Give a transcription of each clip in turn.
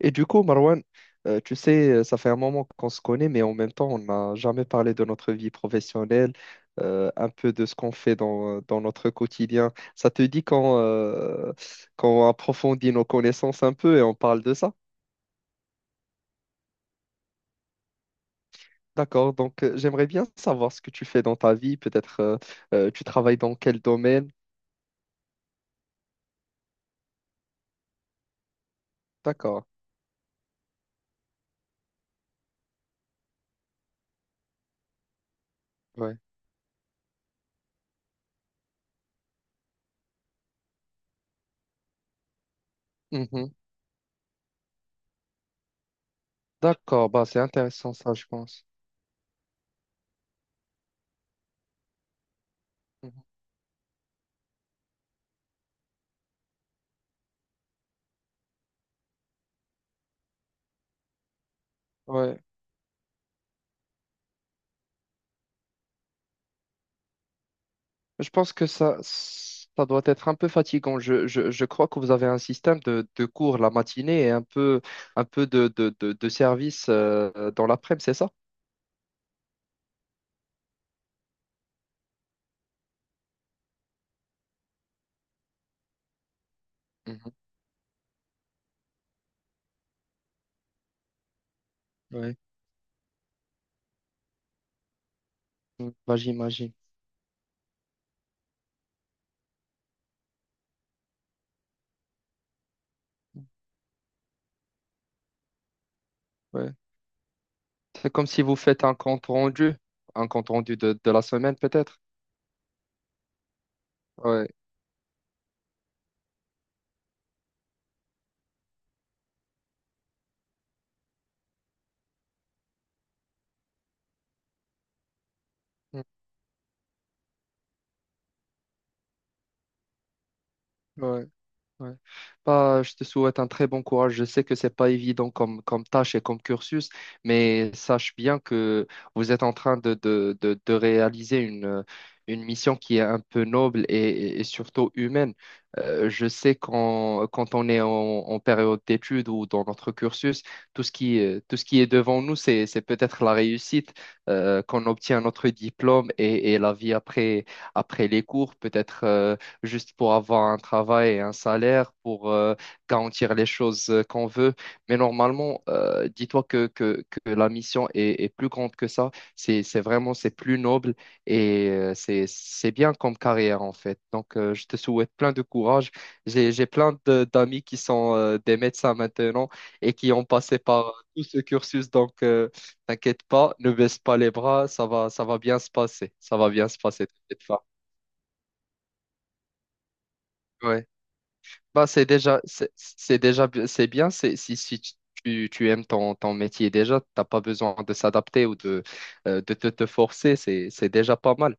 Et du coup, Marwan, tu sais, ça fait un moment qu'on se connaît, mais en même temps, on n'a jamais parlé de notre vie professionnelle, un peu de ce qu'on fait dans notre quotidien. Ça te dit qu'on approfondit nos connaissances un peu et on parle de ça? D'accord, donc j'aimerais bien savoir ce que tu fais dans ta vie, peut-être tu travailles dans quel domaine? D'accord, ouais. Mhm. D'accord, bah, c'est intéressant ça, je pense. Mhm. Ouais. Je pense que ça doit être un peu fatigant. Je crois que vous avez un système de cours la matinée et un peu de service dans l'après-midi, c'est ça? Mhm. Ouais. Mm, bah, j'imagine. Ouais. C'est comme si vous faites un compte rendu de la semaine peut-être. Ouais. Mm. Ouais. Ouais. Bah, je te souhaite un très bon courage. Je sais que c'est pas évident comme tâche et comme cursus, mais sache bien que vous êtes en train de réaliser une mission qui est un peu noble et surtout humaine. Je sais quand on est en période d'études ou dans notre cursus, tout ce qui est devant nous, c'est peut-être la réussite, qu'on obtient notre diplôme et la vie après, après les cours, peut-être. Juste pour avoir un travail et un salaire, pour garantir les choses qu'on veut. Mais normalement, dis-toi que la mission est plus grande que ça. C'est vraiment, c'est plus noble et c'est bien comme carrière en fait. Donc, je te souhaite plein de courage. J'ai plein d'amis qui sont des médecins maintenant et qui ont passé par tout ce cursus. Donc, t'inquiète pas, ne baisse pas les bras, ça va bien se passer. Ça va bien se passer, t'inquiète pas. Ouais. Bah, c'est déjà, bi- c'est bien. C'est, si si tu, tu aimes ton métier déjà, t'as pas besoin de s'adapter ou de te forcer. C'est déjà pas mal.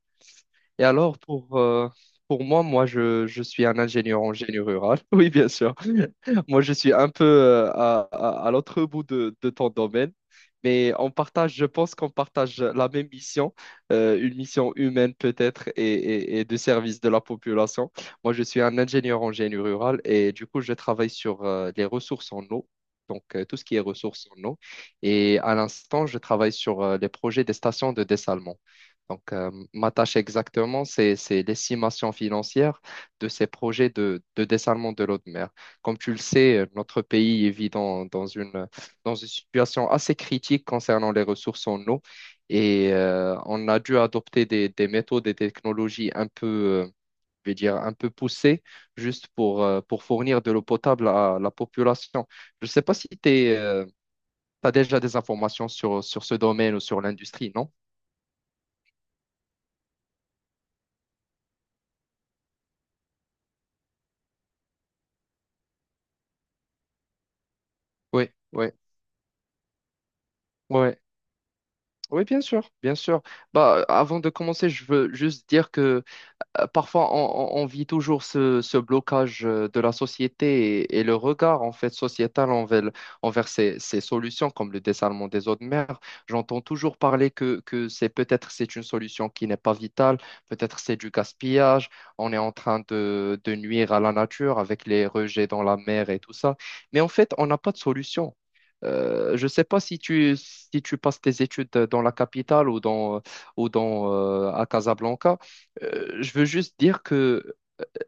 Et alors, pour moi, je suis un ingénieur en génie rural. Oui, bien sûr. Moi, je suis un peu à l'autre bout de ton domaine, mais on partage, je pense qu'on partage la même mission, une mission humaine peut-être et de service de la population. Moi, je suis un ingénieur en génie rural et du coup, je travaille sur les ressources en eau, donc tout ce qui est ressources en eau. Et à l'instant, je travaille sur les projets des stations de dessalement. Donc, ma tâche exactement, c'est l'estimation financière de ces projets de dessalement de l'eau de mer. Comme tu le sais, notre pays vit dans une situation assez critique concernant les ressources en eau et on a dû adopter des méthodes et des technologies un peu, je vais dire, un peu poussées juste pour fournir de l'eau potable à la population. Je ne sais pas si tu as déjà des informations sur ce domaine ou sur l'industrie, non? Oui, oui, oui. Oui, bien sûr, bien sûr. Bah, avant de commencer, je veux juste dire que parfois on vit toujours ce blocage de la société et le regard en fait sociétal envers ces solutions comme le dessalement des eaux de mer. J'entends toujours parler que c'est peut-être c'est une solution qui n'est pas vitale, peut-être c'est du gaspillage, on est en train de nuire à la nature avec les rejets dans la mer et tout ça. Mais en fait, on n'a pas de solution. Je ne sais pas si tu passes tes études dans la capitale ou à Casablanca. Je veux juste dire que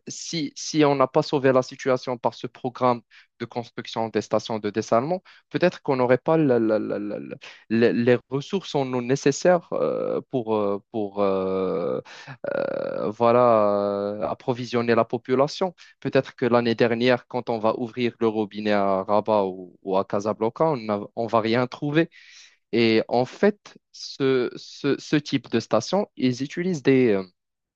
si on n'a pas sauvé la situation par ce programme de construction des stations de dessalement, peut-être qu'on n'aurait pas les ressources en eau nécessaires pour voilà, approvisionner la population. Peut-être que l'année dernière, quand on va ouvrir le robinet à Rabat ou à Casablanca, on va rien trouver. Et en fait, ce type de station, ils utilisent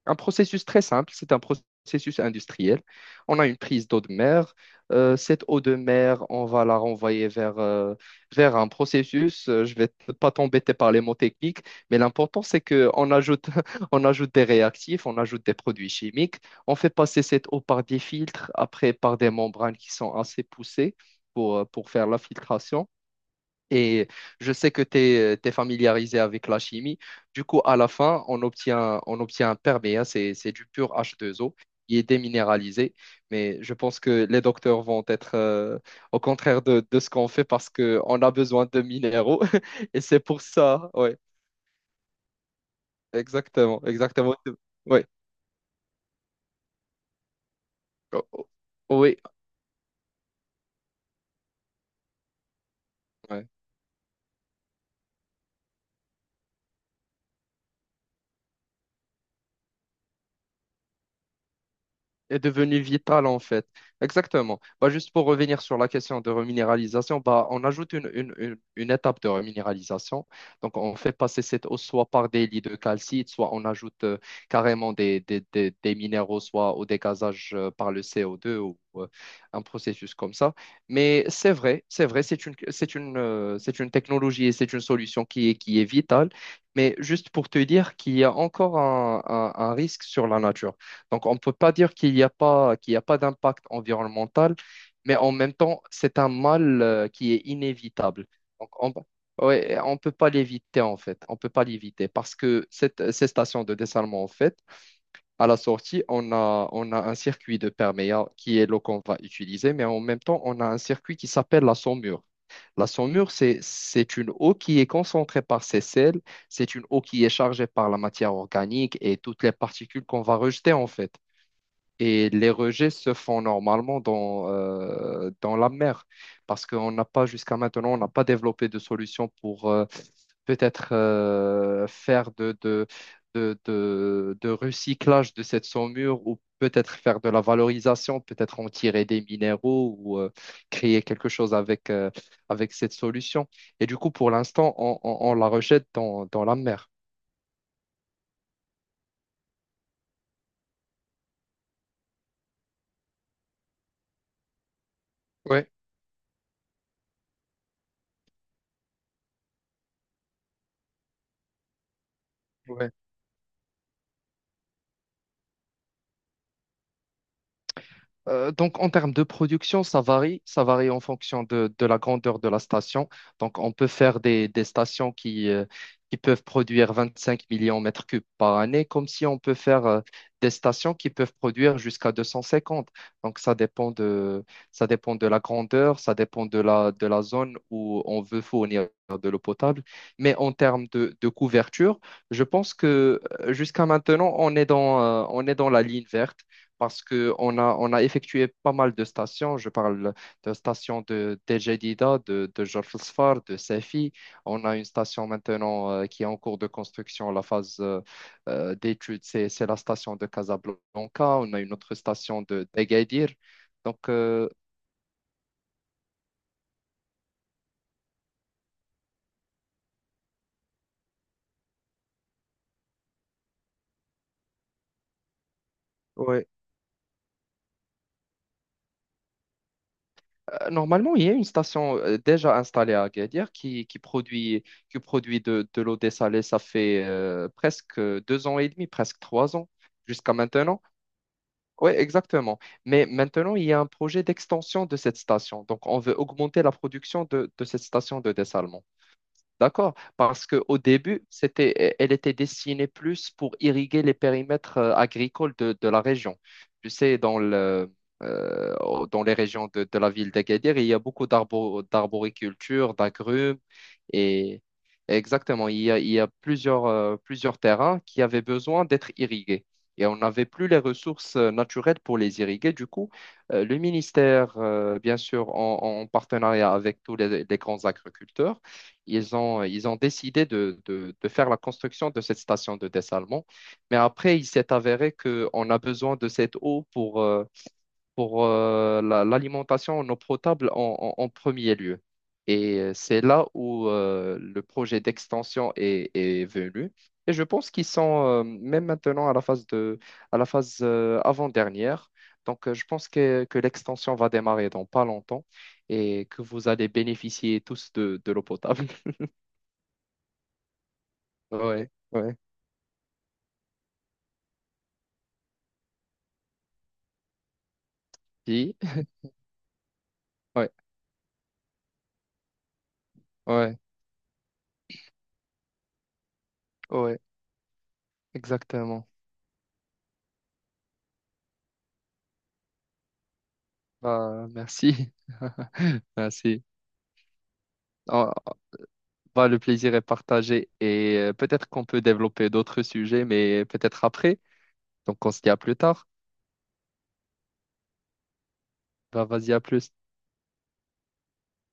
un processus très simple, c'est un processus industriel. On a une prise d'eau de mer. Cette eau de mer, on va la renvoyer vers un processus. Je vais pas t'embêter par les mots techniques, mais l'important, c'est qu'on ajoute, on ajoute des réactifs, on ajoute des produits chimiques. On fait passer cette eau par des filtres, après par des membranes qui sont assez poussées pour faire la filtration. Et je sais que tu es familiarisé avec la chimie. Du coup, à la fin, on obtient un perméa, c'est du pur h deux o qui est déminéralisé. Mais je pense que les docteurs vont être au contraire de ce qu'on fait parce qu'on a besoin de minéraux. Et c'est pour ça, ouais, exactement, exactement. Ouais. Oui, ouais. Est devenu vital en fait. Exactement. Bah, juste pour revenir sur la question de reminéralisation, bah, on ajoute une étape de reminéralisation. Donc on fait passer cette eau soit par des lits de calcite, soit on ajoute carrément des minéraux, soit au dégazage par le CO2 ou un processus comme ça. Mais c'est vrai, c'est vrai, c'est une technologie et c'est une solution qui est vitale. Mais juste pour te dire qu'il y a encore un risque sur la nature. Donc, on ne peut pas dire qu'il n'y a pas d'impact environnemental, mais en même temps, c'est un mal qui est inévitable. Donc, on ouais, on peut pas l'éviter, en fait. On peut pas l'éviter parce que ces stations de dessalement, en fait, à la sortie, on a un circuit de perméa qui est l'eau qu'on va utiliser, mais en même temps, on a un circuit qui s'appelle la saumure. La saumure, c'est une eau qui est concentrée par ses sels, c'est une eau qui est chargée par la matière organique et toutes les particules qu'on va rejeter, en fait. Et les rejets se font normalement dans la mer, parce qu'on n'a pas, jusqu'à maintenant, on n'a pas développé de solution pour peut-être faire de recyclage de cette saumure ou peut-être faire de la valorisation, peut-être en tirer des minéraux ou créer quelque chose avec cette solution. Et du coup, pour l'instant, on la rejette dans la mer. Ouais. Donc, en termes de production, ça varie. Ça varie en fonction de la grandeur de la station. Donc, on peut faire des stations qui peuvent produire 25 millions de mètres cubes par année, comme si on peut faire des stations qui peuvent produire jusqu'à 250. Donc, ça dépend de la grandeur, ça dépend de la zone où on veut fournir de l'eau potable. Mais en termes de couverture, je pense que jusqu'à maintenant, on est dans la ligne verte parce qu'on a effectué pas mal de stations. Je parle de stations de d'El Jadida, de Jorf El Sfar, de Safi. On a une station maintenant qui est en cours de construction, la phase d'étude, c'est la station de Casablanca. On a une autre station de d'Agadir. Donc, euh, Ouais. Normalement, il y a une station déjà installée à Agadir qui produit, qui produit de l'eau dessalée. Ça fait presque deux ans et demi, presque trois ans jusqu'à maintenant. Oui, exactement. Mais maintenant, il y a un projet d'extension de cette station. Donc, on veut augmenter la production de cette station de dessalement. D'accord, parce qu'au début, elle était destinée plus pour irriguer les périmètres agricoles de la région. Tu sais, dans les régions de la ville d'Agadir, il y a beaucoup d'arboriculture, d'agrumes, et exactement, il y a plusieurs terrains qui avaient besoin d'être irrigués. Et on n'avait plus les ressources naturelles pour les irriguer. Du coup, le ministère, bien sûr, en partenariat avec tous les grands agriculteurs, ils ont décidé de faire la construction de cette station de dessalement. Mais après, il s'est avéré qu'on a besoin de cette eau pour l'alimentation en eau potable en premier lieu. Et c'est là où le projet d'extension est venu. Et je pense qu'ils sont même maintenant à la phase de, à la phase avant-dernière. Donc, je pense que l'extension va démarrer dans pas longtemps et que vous allez bénéficier tous de l'eau potable. Ouais, ouais, si, ouais, ouais, ouais, exactement. Bah, merci. Merci. Ah, bah, le plaisir est partagé et peut-être qu'on peut développer d'autres sujets, mais peut-être après. Donc, on se dit à plus tard. Bah, vas-y, à plus.